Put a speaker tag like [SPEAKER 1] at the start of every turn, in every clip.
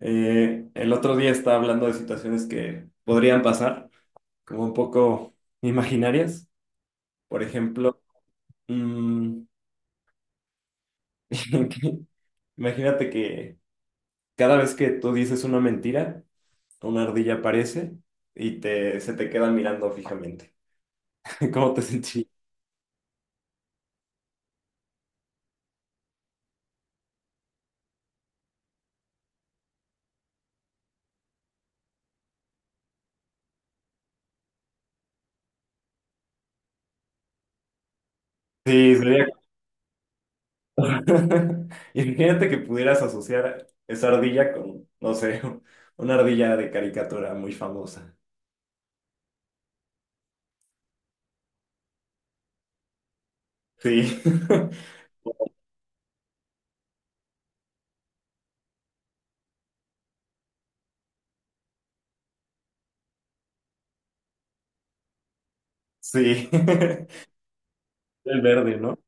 [SPEAKER 1] El otro día estaba hablando de situaciones que podrían pasar, como un poco imaginarias. Por ejemplo, mm, imagínate que cada vez que tú dices una mentira, una ardilla aparece y se te queda mirando fijamente. ¿Cómo te sentí? Sí, sería... Imagínate que pudieras asociar esa ardilla con, no sé, una ardilla de caricatura muy famosa. Sí, sí, el verde, ¿no?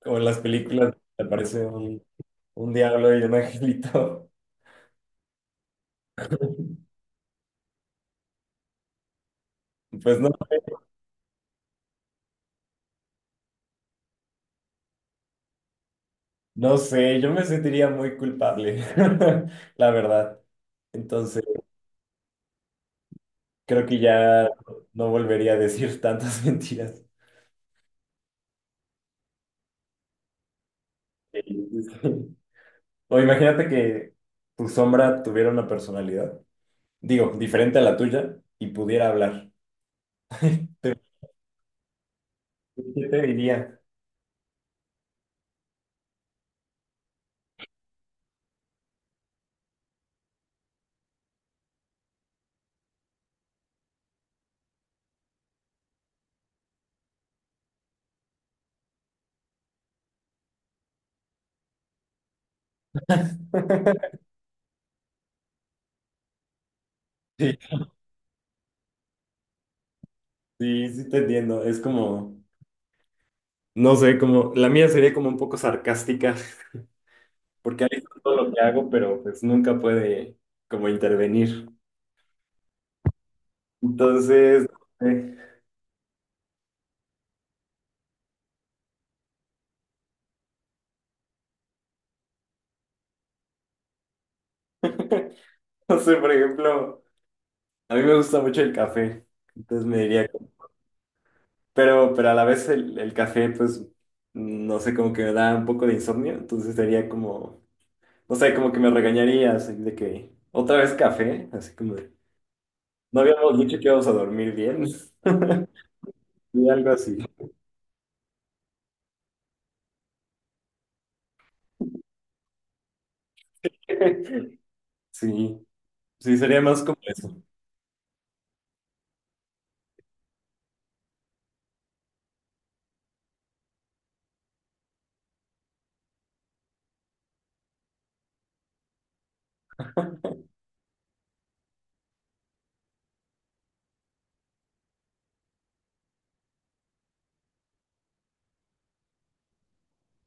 [SPEAKER 1] Como en las películas, aparece un diablo y un angelito. Pues no, no sé, yo me sentiría muy culpable, la verdad. Entonces, creo que ya no volvería a decir tantas mentiras. O imagínate que tu sombra tuviera una personalidad, digo, diferente a la tuya y pudiera hablar. ¿Qué te diría? Sí, sí, sí te entiendo. Es como, no sé, como, la mía sería como un poco sarcástica, porque ahí está todo lo que hago, pero pues nunca puede como intervenir. Entonces, eh, no sé, por ejemplo, a mí me gusta mucho el café, entonces me diría, pero a la vez el café, pues, no sé, como que me da un poco de insomnio, entonces sería como, no sé, como que me regañaría, así de que, otra vez café, así como de, no habíamos dicho que íbamos a dormir bien, y algo así. Sí, sí, sería más como eso.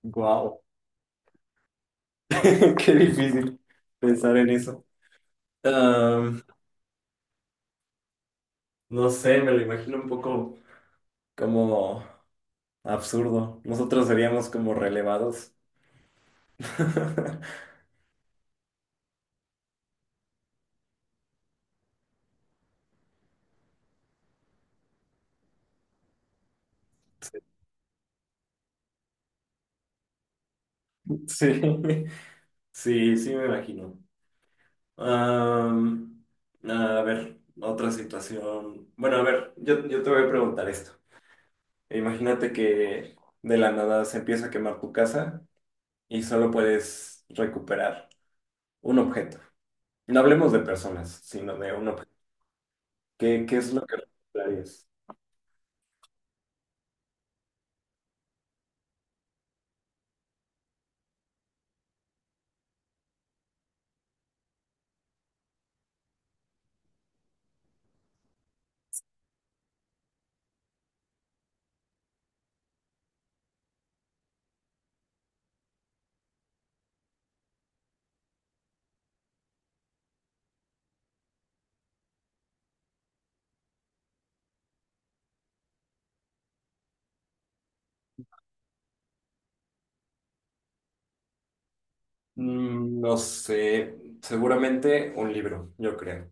[SPEAKER 1] Wow. Qué difícil pensar en eso. Am, no sé, me lo imagino un poco como absurdo. Nosotros seríamos como relevados. Sí, sí, sí me imagino. Am, a ver, otra situación. Bueno, a ver, yo te voy a preguntar esto. Imagínate que de la nada se empieza a quemar tu casa y solo puedes recuperar un objeto. No hablemos de personas, sino de un objeto. ¿Qué, qué es Planes. Mm, no sé, seguramente un libro, yo creo.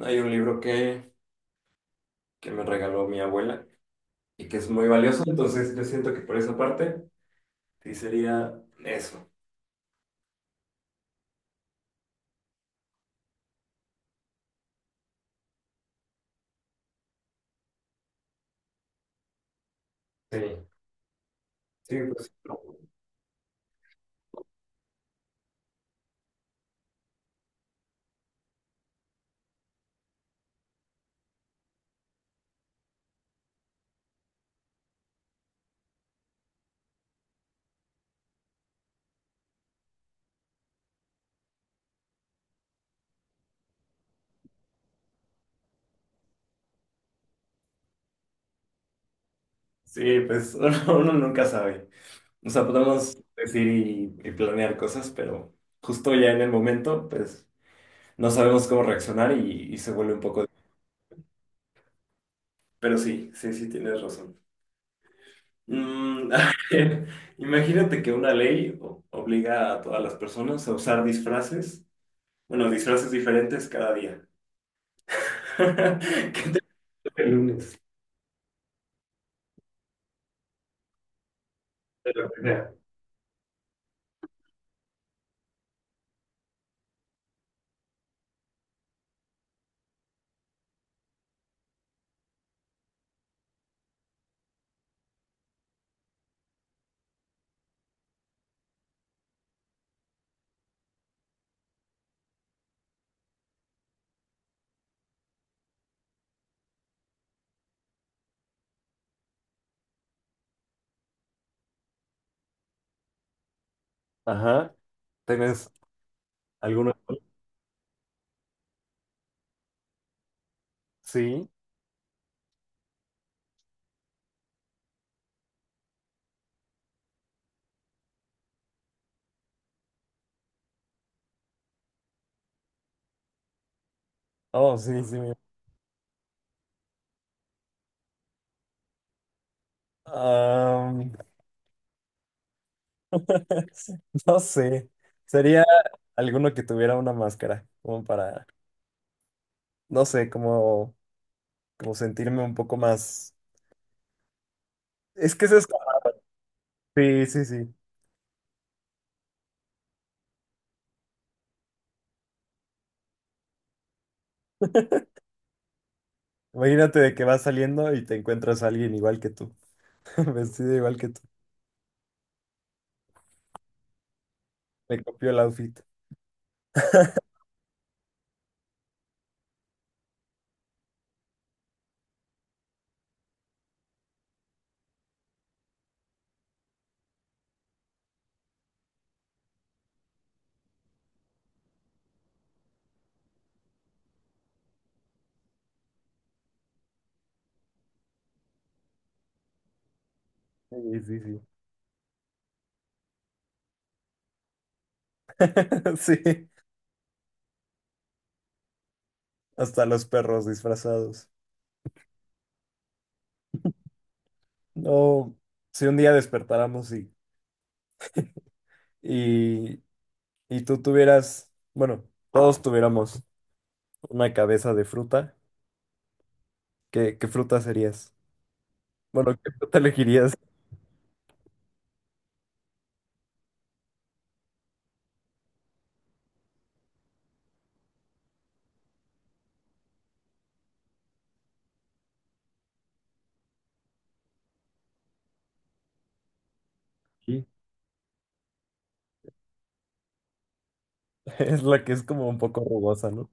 [SPEAKER 1] Hay un libro que me regaló mi abuela y que es muy valioso, entonces yo siento que por esa parte sí sería eso. Sí, sí, pues, sí, pues uno nunca sabe. O sea, podemos decir y planear cosas, pero justo ya en el momento, pues no sabemos cómo reaccionar y se vuelve un poco... Pero sí, sí, sí, tienes razón. Mm, a ver, imagínate que una ley obliga a todas las personas a usar disfraces, bueno, disfraces diferentes cada día. ¿Qué te toca el lunes? De lo que sea. Ajá. ¿Tienes alguno? Sí. Oh, sí, sí. Me- Am, no sé. Sería alguno que tuviera una máscara, como para, no sé, como, como sentirme un poco más. Es que eso es. Esto. Sí, sí, sí. Imagínate de que vas saliendo y te encuentras a alguien igual que tú, vestido igual que tú. Me copió el outfit. Sí, sí, sí. Sí, hasta los perros disfrazados. No, si un día despertáramos y, y tú tuvieras, bueno, todos tuviéramos una cabeza de fruta, ¿qué, qué fruta serías? Bueno, ¿qué fruta elegirías? Sí, es la que es como un poco rugosa, ¿no?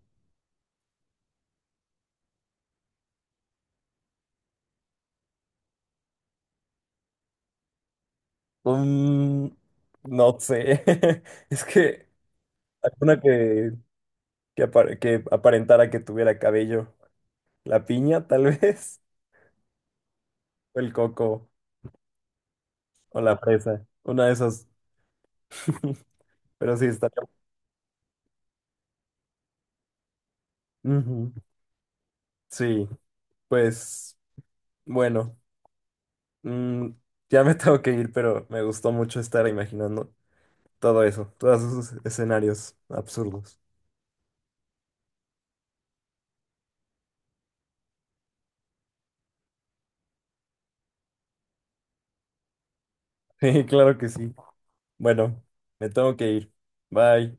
[SPEAKER 1] Mm, no sé. Es que alguna que, que aparentara que tuviera cabello. La piña, tal vez, o el coco, o la fresa, una de esas. Pero sí, está. Ujú. Sí, pues bueno, mm, ya me tengo que ir, pero me gustó mucho estar imaginando todo eso, todos esos escenarios absurdos. Sí, claro que sí. Bueno, me tengo que ir. Bye.